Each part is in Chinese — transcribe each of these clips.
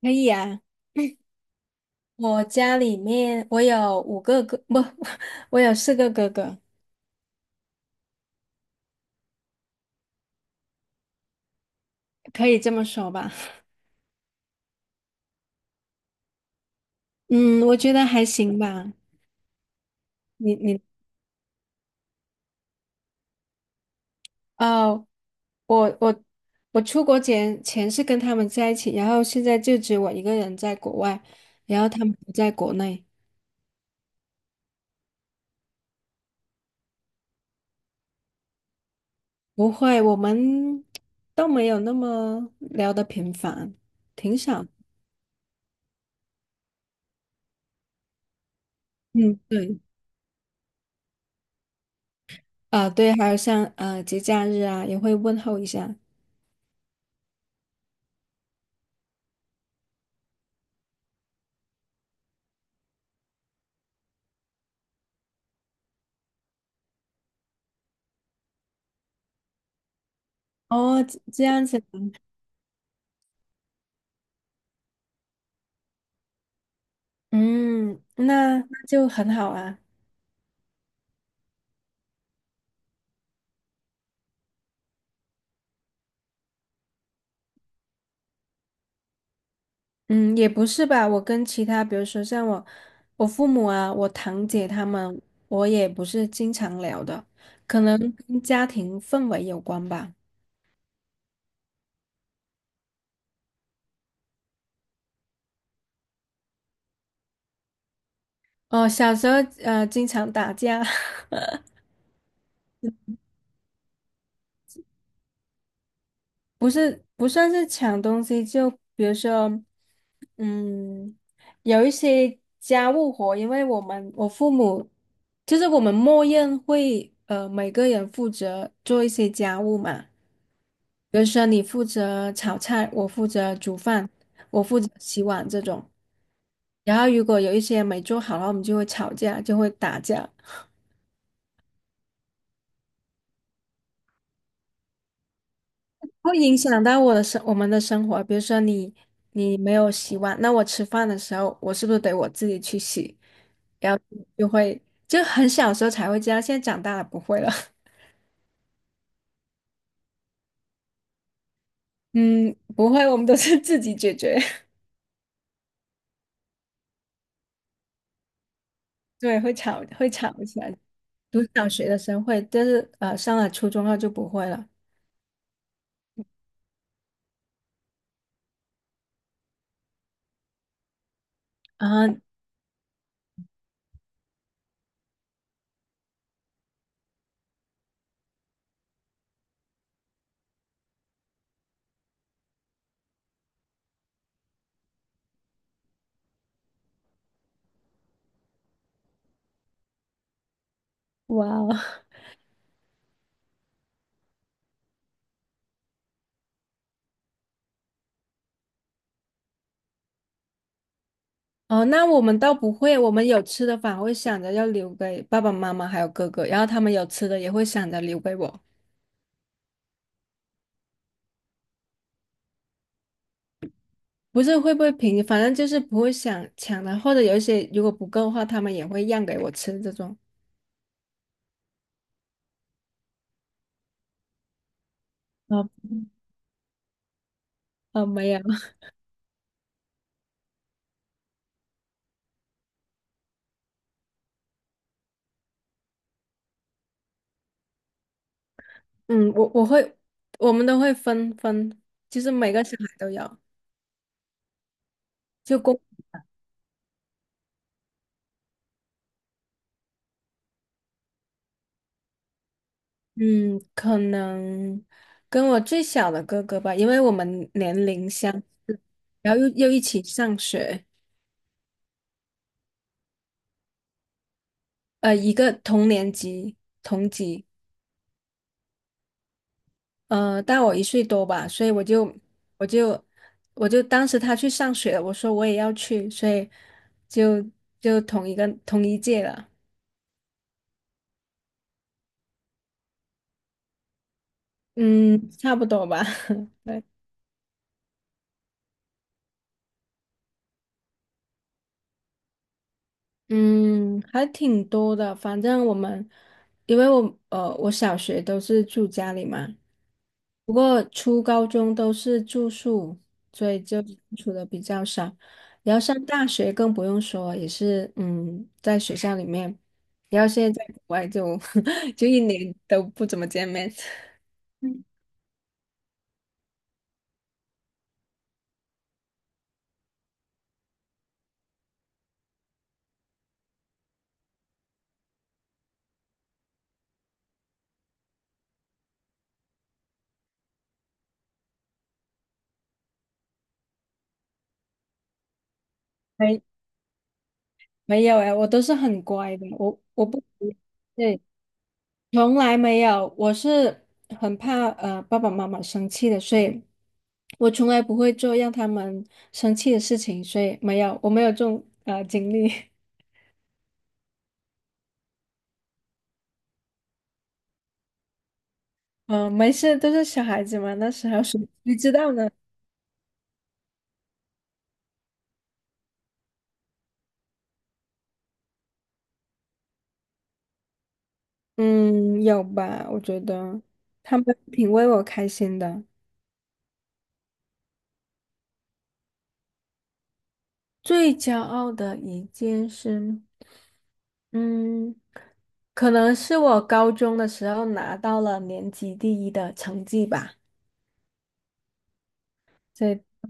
可以啊，我家里面我有5个哥，不，我有4个哥哥，可以这么说吧。嗯，我觉得还行吧。你你哦，我我我出国前是跟他们在一起，然后现在就只有我一个人在国外，然后他们不在国内。不会，我们都没有那么聊得频繁，挺少。嗯，对，啊、对，还有像节假日啊，也会问候一下。哦，这样子。嗯，那就很好啊。嗯，也不是吧，我跟其他，比如说像我，我父母啊，我堂姐他们，我也不是经常聊的，可能跟家庭氛围有关吧。哦，小时候经常打架。不是不算是抢东西，就比如说，嗯，有一些家务活，因为我父母就是我们默认会每个人负责做一些家务嘛，比如说你负责炒菜，我负责煮饭，我负责洗碗这种。然后如果有一些没做好，然后我们就会吵架，就会打架。会影响到我们的生活。比如说你没有洗碗，那我吃饭的时候，我是不是得我自己去洗？然后就会，就很小时候才会这样，现在长大了不会了。嗯，不会，我们都是自己解决。对，会吵，会吵起来。读小学的时候会，但是上了初中后就不会了。啊，哇哦，哦，那我们倒不会，我们有吃的反而会想着要留给爸爸妈妈还有哥哥，然后他们有吃的也会想着留给我。不是会不会平，反正就是不会想抢的，或者有一些如果不够的话，他们也会让给我吃这种。啊啊，没有，嗯，我会，我们都会分分，就是每个小孩都有，就公，嗯，可能跟我最小的哥哥吧，因为我们年龄相，然后又一起上学，一个同年级同级。大我1岁多吧，所以我就我就当时他去上学了，我说我也要去，所以就就同一届了，嗯，差不多吧，对。嗯，还挺多的。反正我们，因为我我小学都是住家里嘛，不过初高中都是住宿，所以就住的比较少。然后上大学更不用说，也是在学校里面。然后现在在国外就 就一年都不怎么见面。没没有哎，我都是很乖的，我不。对。从来没有，我是很怕爸爸妈妈生气的，所以我从来不会做让他们生气的事情，所以没有，我没有这种经历。嗯，没事，都是小孩子嘛，那时候谁知道呢？嗯，有吧？我觉得他们挺为我开心的。最骄傲的一件事，嗯，可能是我高中的时候拿到了年级第一的成绩吧。这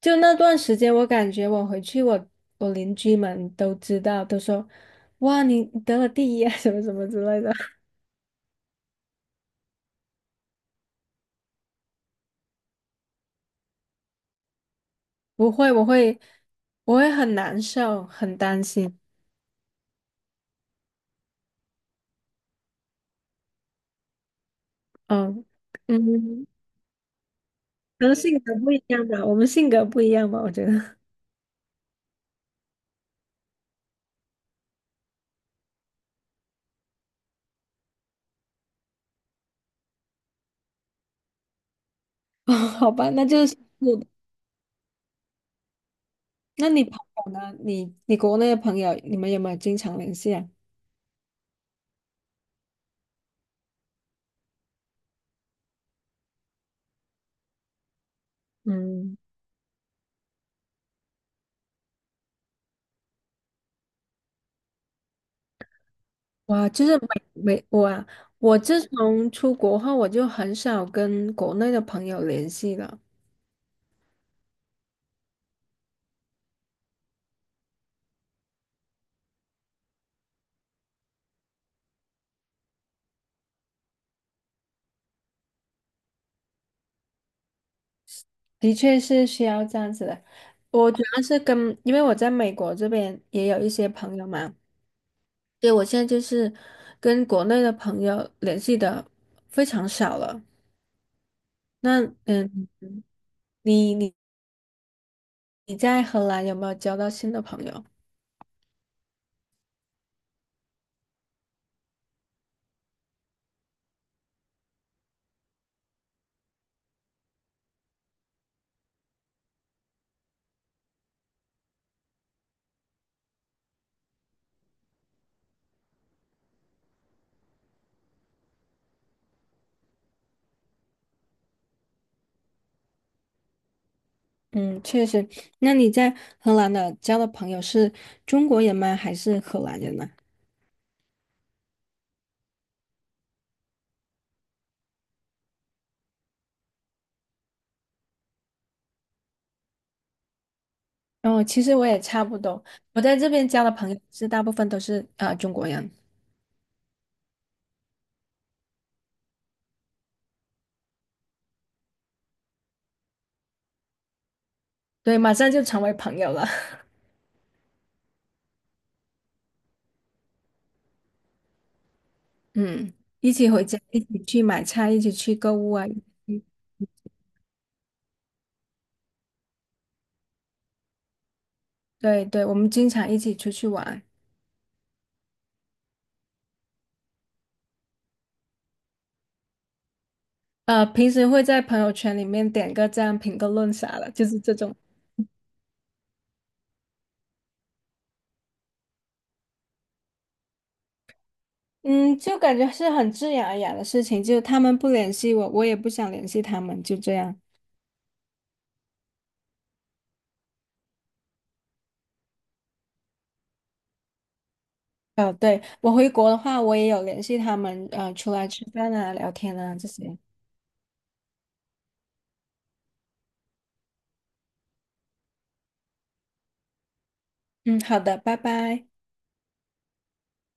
就那段时间，我感觉我回去，我邻居们都知道，都说：“哇，你得了第一啊，什么什么之类的。”不会，我会很难受，很担心。嗯嗯，可能性格不一样吧，我们性格不一样吧，我觉得。哦，好吧，那就是，那你朋友呢？你国内的朋友，你们有没有经常联系啊？嗯，哇，就是没我啊，我自从出国后，我就很少跟国内的朋友联系了。的确是需要这样子的。我主要是跟，因为我在美国这边也有一些朋友嘛，对，我现在就是跟国内的朋友联系的非常少了。那你你你在荷兰有没有交到新的朋友？嗯，确实。那你在荷兰的交的朋友是中国人吗？还是荷兰人呢？哦，其实我也差不多，我在这边交的朋友是大部分都是啊、中国人，对，马上就成为朋友了。嗯，一起回家，一起去买菜，一起去购物啊，一起去，对对，我们经常一起出去玩。平时会在朋友圈里面点个赞、评个论啥的，就是这种。嗯，就感觉是很自然而然的事情，就他们不联系我，我也不想联系他们，就这样。哦，对，我回国的话，我也有联系他们，出来吃饭啊、聊天啊这些。嗯，好的，拜拜。